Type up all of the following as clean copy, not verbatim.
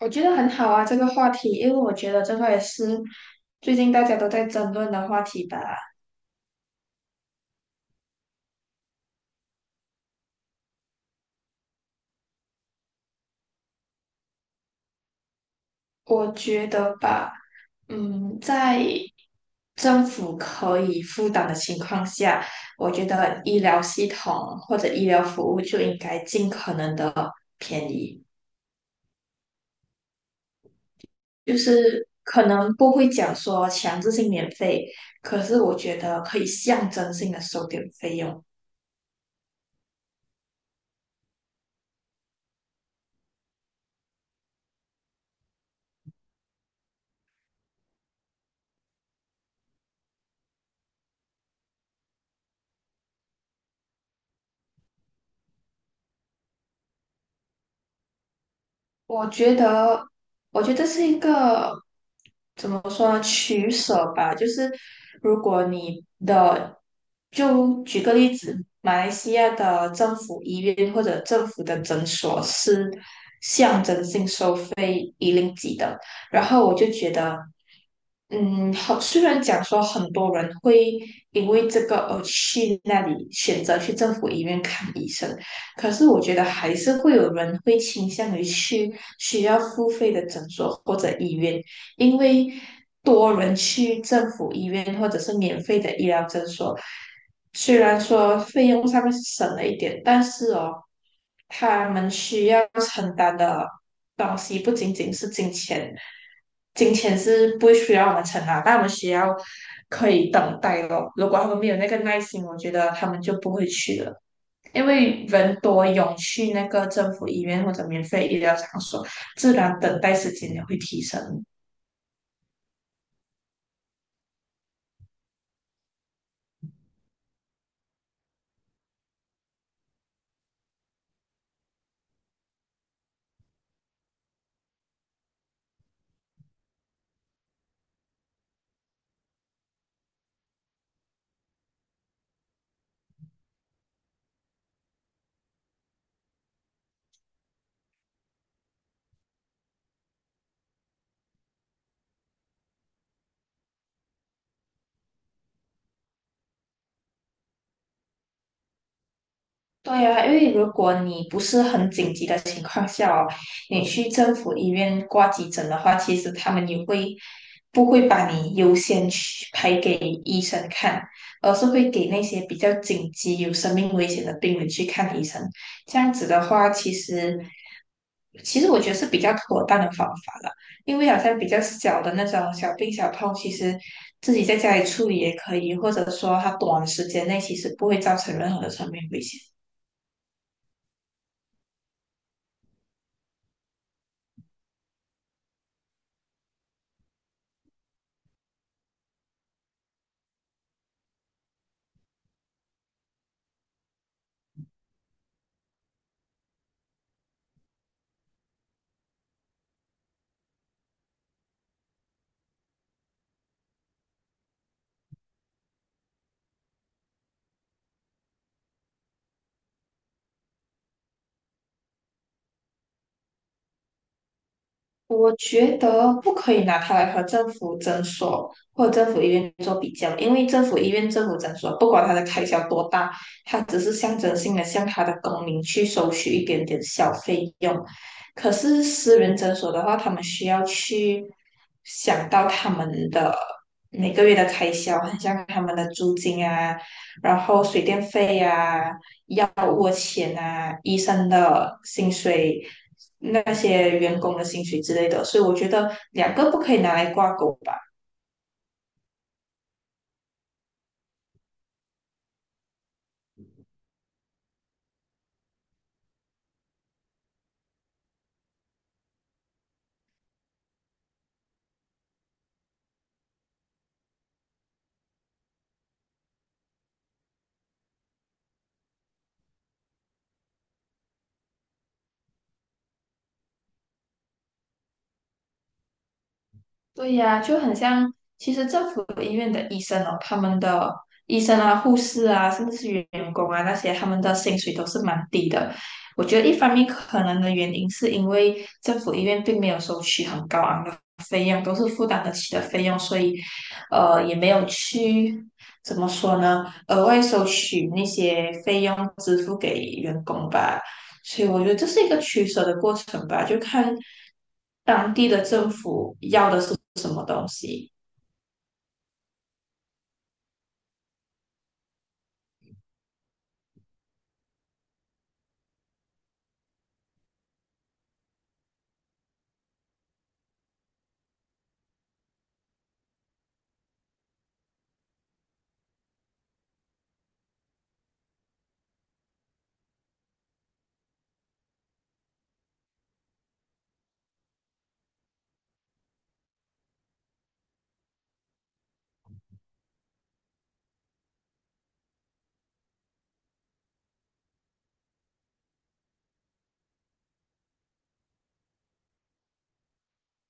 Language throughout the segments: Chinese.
我觉得很好啊，这个话题，因为我觉得这个也是最近大家都在争论的话题吧。我觉得吧，在政府可以负担的情况下，我觉得医疗系统或者医疗服务就应该尽可能的，就是可能不会讲说强制性免费，可是我觉得可以象征性的收点费用。我觉得，我觉得是一个怎么说呢取舍吧。就是如果你的，就举个例子，马来西亚的政府医院或者政府的诊所是。己的。然后我就觉得，好，虽然讲说很多人会因为这个而去那里选择去政府医院看医生，可是我觉得还是会有人会倾向于去需要付费的诊所或者医院，因为多人去政府医院或者是免费的医疗诊所，虽然说费用上面是省了一点，但是哦，他们需要承担的东西不仅仅是金钱，金钱是不需要我们承担，但我们需要可以等待咯。如果他们没有那个耐心，我觉得他们就不会去了。因为人多涌去那个政府医院或者免费医疗场所，自然等待时间也会提升。对啊，因为如果你不是很紧急的情况下哦，你去政府医院挂急诊的话，其实他们也会不会把你优先去排给医生看，而是会给那些比较紧急、有生命危险的病人去看医生。这样子的话，其实我觉得是比较妥当的方法了，因为好像比较小的那种小病小痛，其实自己在家里处理也可以，或者说它短时间内其实不会造成任何的生命危险。我觉得不可以拿它来和政府诊所或者政府医院做比较，因为政府医院、政府诊所，不管它的开销多大，它只是象征性的向它的公民去收取一点点小费用。可是私人诊所的话，他们需要去想到他们的每个月的开销，很像他们的租金啊，然后水电费呀。药物钱啊，医生的薪水、那些员工的薪水之类的，所以我觉得两个不可以拿来挂钩吧。对呀，就很像，其实政府医院的医生哦，他们的医生啊、护士啊，甚至是员工啊那些，他们的薪水都是蛮低的。我觉得一方面可能的原因是因为政府医院并没有收取很高昂的费用，都是负担得起的费用，所以也没有去怎么说呢，额外收取那些费用支付给员工吧。所以我觉得这是一个取舍的过程吧，就看当地的政府要的是什么东西。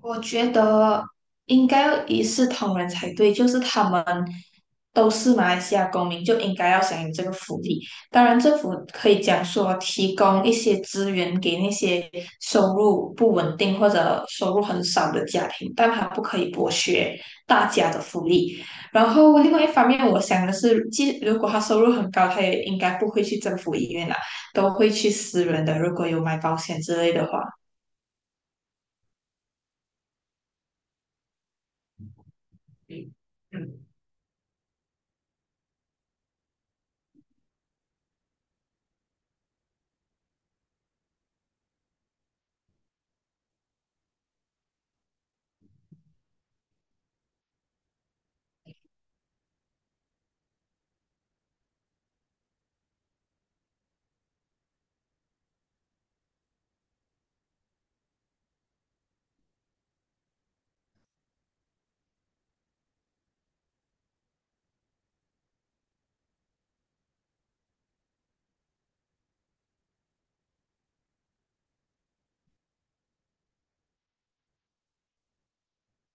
我觉得应该要一视同仁才对，就是他们都是马来西亚公民，就应该要享有这个福利。当然，政府可以讲说提供一些资源给那些收入不稳定或者收入很少的家庭，但他不可以剥削大家的福利。然后，另外一方面，我想的是，即如果他收入很高，他也应该不会去政府医院啦，都会去私人的，如果有买保险之类的话。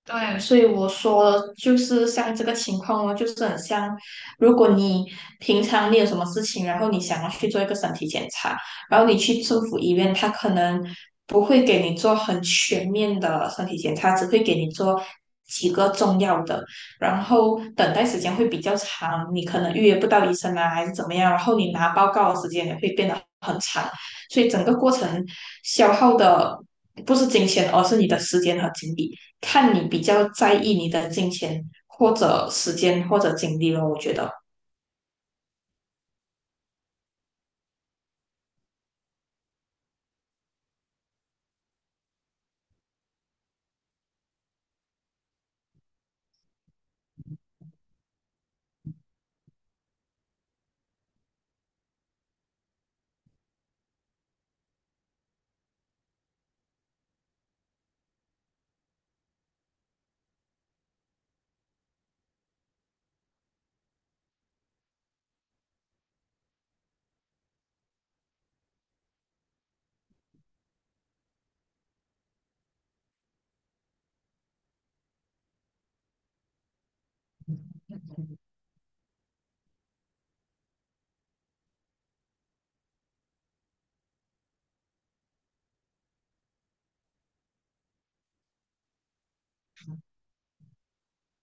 对，所以我说就是像这个情况哦，就是很像，如果你平常你有什么事情，然后你想要去做一个身体检查，然后你去政府医院，他可能不会给你做很全面的身体检查，只会给你做几个重要的，然后等待时间会比较长，你可能预约不到医生啊，还是怎么样，然后你拿报告的时间也会变得很长，所以整个过程消耗的不是金钱，而是你的时间和精力。看你比较在意你的金钱或者时间或者精力了。我觉得，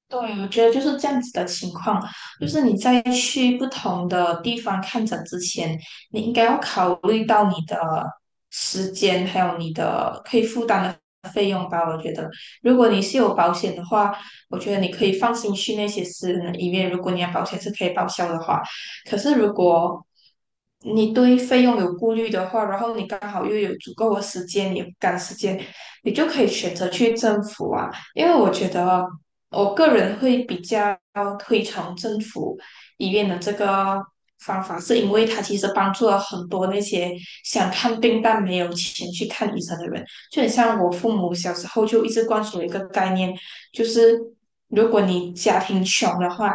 对，我觉得就是这样子的情况，就是你在去不同的地方看诊之前，你应该要考虑到你的时间，还有你的可以负担的费用吧。我觉得，如果你是有保险的话，我觉得你可以放心去那些私人的医院，如果你的保险是可以报销的话。可是如果你对费用有顾虑的话，然后你刚好又有足够的时间，也不赶时间，你就可以选择去政府啊。因为我觉得。我个人会比较推崇政府医院的这个方法，是因为它其实帮助了很多那些想看病但没有钱去看医生的人。就很像我父母小时候就一直灌输一个概念，就是如果你家庭穷的话，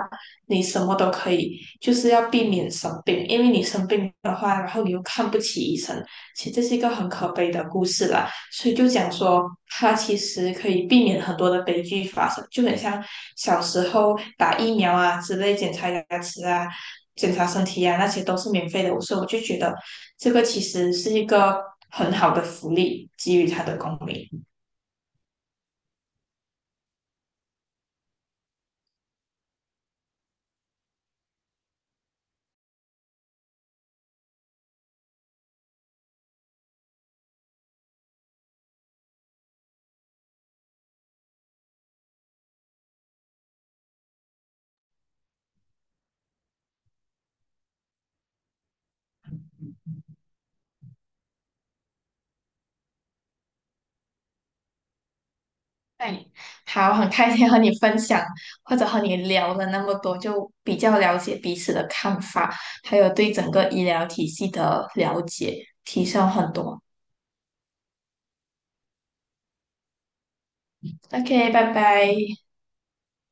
你什么都可以，就是要避免生病，因为你生病的话，然后你又看不起医生，其实这是一个很可悲的故事啦。所以就讲说，它其实可以避免很多的悲剧发生，就很像小时候打疫苗啊之类，检查牙齿啊、检查身体啊，那些都是免费的，所以我就觉得这个其实是一个很好的福利，给予他的公民。对，好，很开心和你分享，或者和你聊了那么多，就比较了解彼此的看法，还有对整个医疗体系的了解，提升很多。OK，拜拜。